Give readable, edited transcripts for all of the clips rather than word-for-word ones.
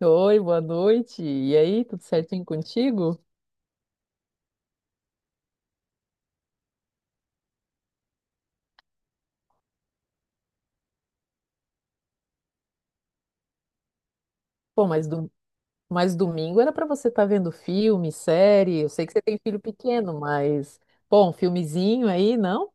Oi, boa noite. E aí, tudo certinho contigo? Pô, mas domingo era pra você estar vendo filme, série. Eu sei que você tem filho pequeno, mas, pô, um filmezinho aí, não?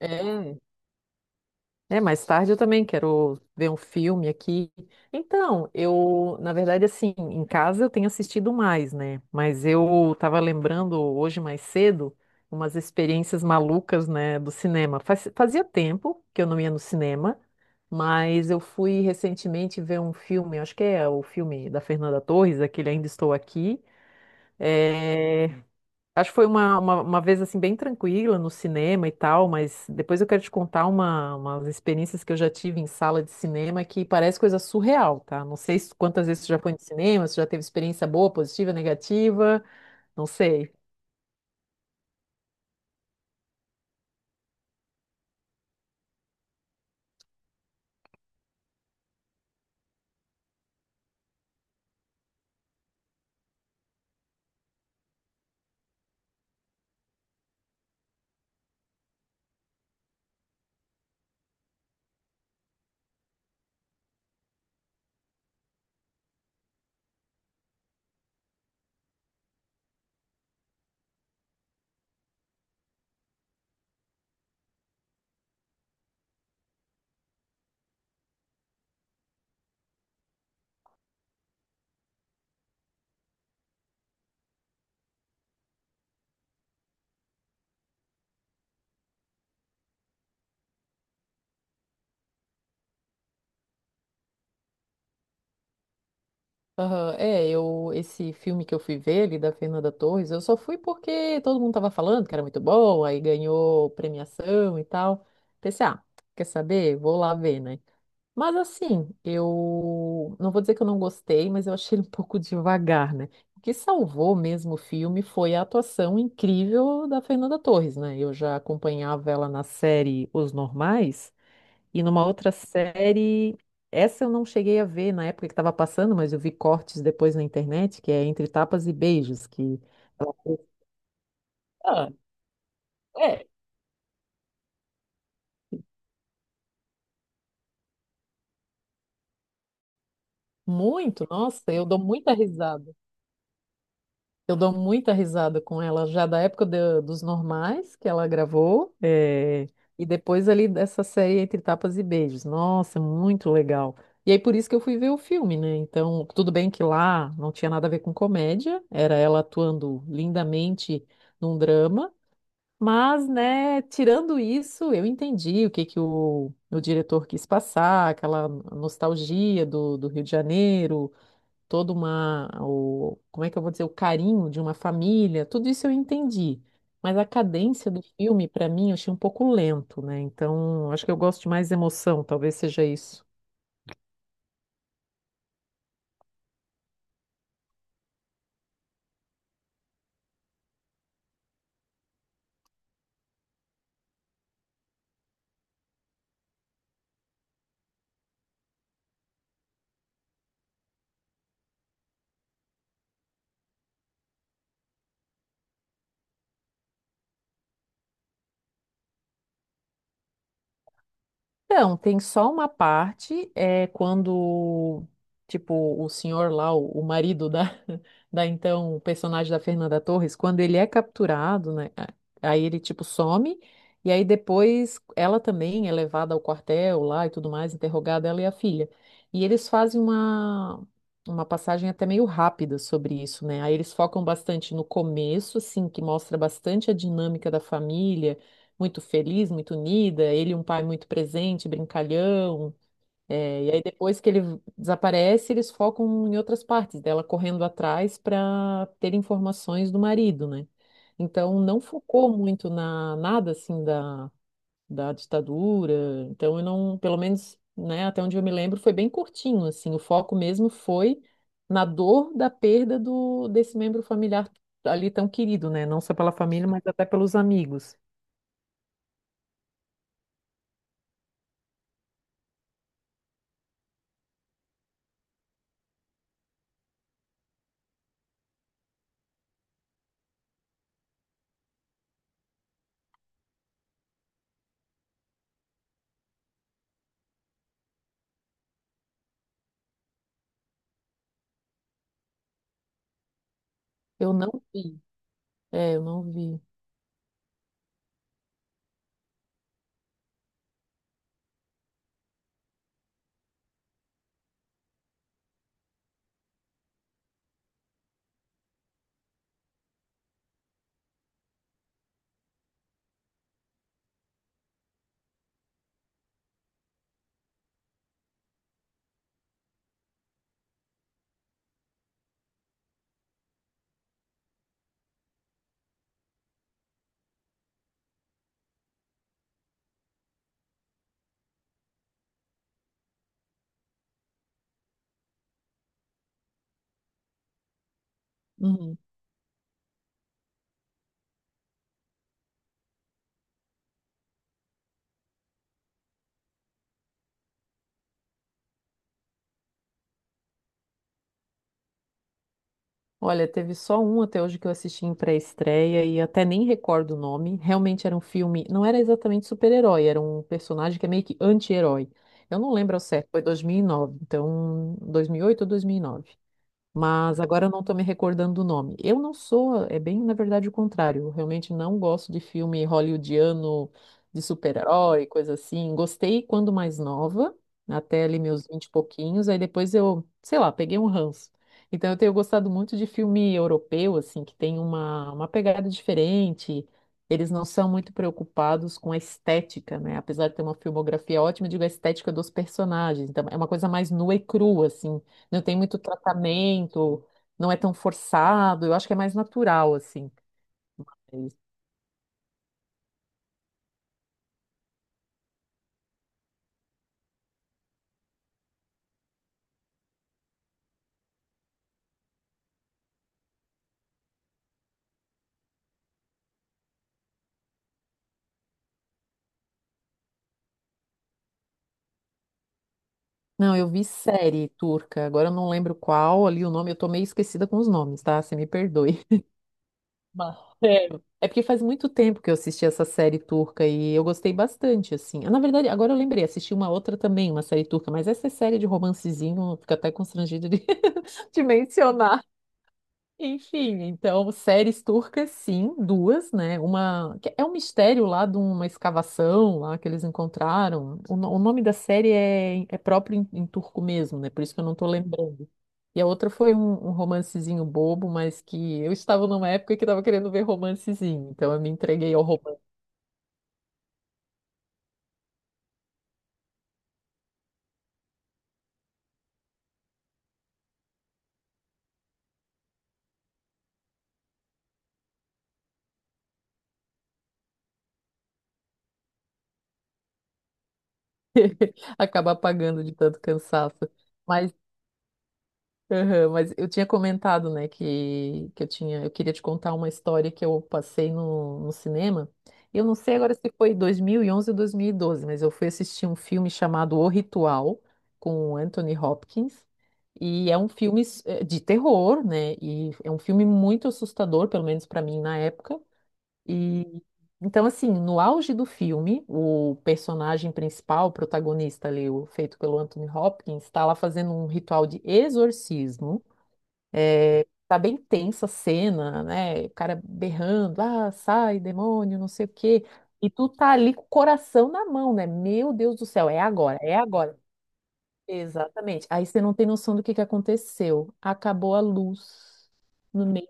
É. É, mais tarde eu também quero ver um filme aqui. Então, eu, na verdade, assim, em casa eu tenho assistido mais, né? Mas eu estava lembrando hoje mais cedo umas experiências malucas, né, do cinema. Fazia tempo que eu não ia no cinema, mas eu fui recentemente ver um filme, acho que é o filme da Fernanda Torres, aquele Ainda Estou Aqui. É, acho que foi uma vez assim bem tranquila no cinema e tal, mas depois eu quero te contar uma, umas experiências que eu já tive em sala de cinema que parece coisa surreal, tá? Não sei quantas vezes tu já foi no cinema, se já teve experiência boa, positiva, negativa, não sei. Aham, é, esse filme que eu fui ver ali da Fernanda Torres, eu só fui porque todo mundo tava falando que era muito bom, aí ganhou premiação e tal. Pensei, ah, quer saber? Vou lá ver, né? Mas assim, eu não vou dizer que eu não gostei, mas eu achei ele um pouco devagar, né? O que salvou mesmo o filme foi a atuação incrível da Fernanda Torres, né? Eu já acompanhava ela na série Os Normais e numa outra série, essa eu não cheguei a ver na época que estava passando, mas eu vi cortes depois na internet, que é Entre Tapas e Beijos, ela fez- ah, é, muito, nossa, eu dou muita risada. Eu dou muita risada com ela, já da época dos normais que ela gravou, e depois ali dessa série Entre Tapas e Beijos. Nossa, muito legal. E aí por isso que eu fui ver o filme, né? Então, tudo bem que lá não tinha nada a ver com comédia, era ela atuando lindamente num drama, mas, né, tirando isso, eu entendi o que que o diretor quis passar, aquela nostalgia do Rio de Janeiro, toda uma, o, como é que eu vou dizer, o carinho de uma família, tudo isso eu entendi. Mas a cadência do filme, para mim, eu achei um pouco lento, né? Então, acho que eu gosto de mais emoção, talvez seja isso. Então, tem só uma parte, é quando, tipo, o senhor lá, o marido da, da então, o personagem da Fernanda Torres, quando ele é capturado, né? Aí ele, tipo, some, e aí depois ela também é levada ao quartel lá e tudo mais, interrogada, ela e a filha. E eles fazem uma passagem até meio rápida sobre isso, né? Aí eles focam bastante no começo, assim, que mostra bastante a dinâmica da família muito feliz, muito unida, ele e um pai muito presente, brincalhão. É, e aí depois que ele desaparece, eles focam em outras partes dela correndo atrás para ter informações do marido, né? Então não focou muito na nada assim da ditadura. Então eu não, pelo menos, né, até onde eu me lembro, foi bem curtinho assim. O foco mesmo foi na dor da perda do desse membro familiar ali tão querido, né? Não só pela família, mas até pelos amigos. Eu não vi. É, eu não vi. Uhum. Olha, teve só um até hoje que eu assisti em pré-estreia e até nem recordo o nome. Realmente era um filme, não era exatamente super-herói, era um personagem que é meio que anti-herói. Eu não lembro ao certo, foi 2009, então 2008 ou 2009, mas agora eu não estou me recordando do nome. Eu não sou, é bem, na verdade, o contrário. Eu realmente não gosto de filme hollywoodiano, de super-herói, coisa assim. Gostei quando mais nova, até ali meus 20 e pouquinhos, aí depois eu, sei lá, peguei um ranço. Então eu tenho gostado muito de filme europeu, assim, que tem uma pegada diferente. Eles não são muito preocupados com a estética, né? Apesar de ter uma filmografia ótima, eu digo a estética dos personagens. Então, é uma coisa mais nua e crua, assim. Não tem muito tratamento, não é tão forçado, eu acho que é mais natural, assim. Pra eles. Não, eu vi série turca, agora eu não lembro qual ali o nome, eu tô meio esquecida com os nomes, tá? Você me perdoe. Mas, é, é porque faz muito tempo que eu assisti essa série turca e eu gostei bastante, assim. Ah, na verdade, agora eu lembrei, assisti uma outra também, uma série turca, mas essa é série de romancezinho, fico até constrangida de, de mencionar. Enfim, então, séries turcas, sim, duas, né? Uma que é um mistério lá de uma escavação lá que eles encontraram. O, no- o nome da série é, é próprio em, em turco mesmo, né? Por isso que eu não tô lembrando. E a outra foi um romancezinho bobo, mas que eu estava numa época que estava querendo ver romancezinho, então eu me entreguei ao romance, acaba apagando de tanto cansaço. Aham, mas eu tinha comentado, né, que eu tinha, eu queria te contar uma história que eu passei no cinema. Eu não sei agora se foi 2011 ou 2012, mas eu fui assistir um filme chamado O Ritual, com o Anthony Hopkins, e é um filme de terror, né, e é um filme muito assustador, pelo menos para mim na época. E então, assim, no auge do filme, o personagem principal, o protagonista ali, o, feito pelo Anthony Hopkins, está lá fazendo um ritual de exorcismo. É, tá bem tensa a cena, né? O cara berrando, ah, sai, demônio, não sei o quê. E tu tá ali com o coração na mão, né? Meu Deus do céu, é agora, é agora. Exatamente. Aí você não tem noção do que aconteceu. Acabou a luz no meio.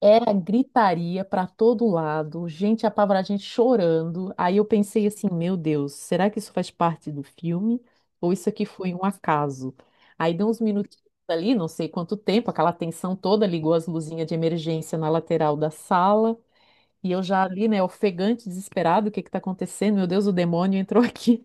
Era gritaria para todo lado, gente apavorada, gente chorando. Aí eu pensei assim, meu Deus, será que isso faz parte do filme? Ou isso aqui foi um acaso? Aí deu uns minutinhos ali, não sei quanto tempo, aquela tensão toda, ligou as luzinhas de emergência na lateral da sala, e eu já ali, né, ofegante, desesperado, o que que tá acontecendo? Meu Deus, o demônio entrou aqui.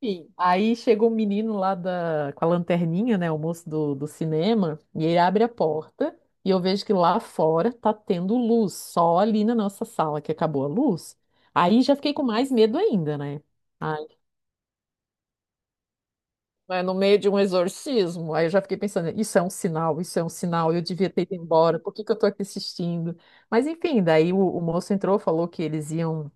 Enfim, aí chega o menino lá da, com a lanterninha, né, o moço do cinema, e ele abre a porta e eu vejo que lá fora tá tendo luz, só ali na nossa sala que acabou a luz. Aí já fiquei com mais medo ainda, né? Ai, mas no meio de um exorcismo, aí eu já fiquei pensando, isso é um sinal, isso é um sinal, eu devia ter ido embora, por que que eu tô aqui assistindo? Mas enfim, daí o moço entrou, falou que eles iam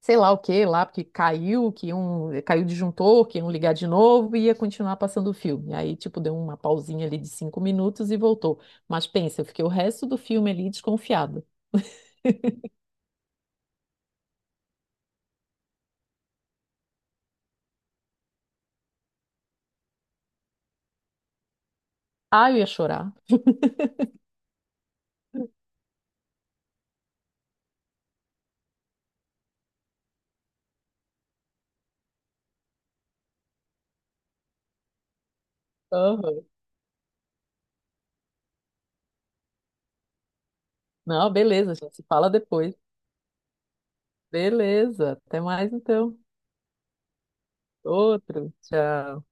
sei lá o que lá, porque caiu, que um caiu o disjuntor, que iam ligar de novo e ia continuar passando o filme. Aí, tipo, deu uma pausinha ali de 5 minutos e voltou. Mas pensa, eu fiquei o resto do filme ali desconfiada. Ah, eu ia chorar. Aham. Não, beleza, a gente se fala depois. Beleza, até mais então. Outro, tchau.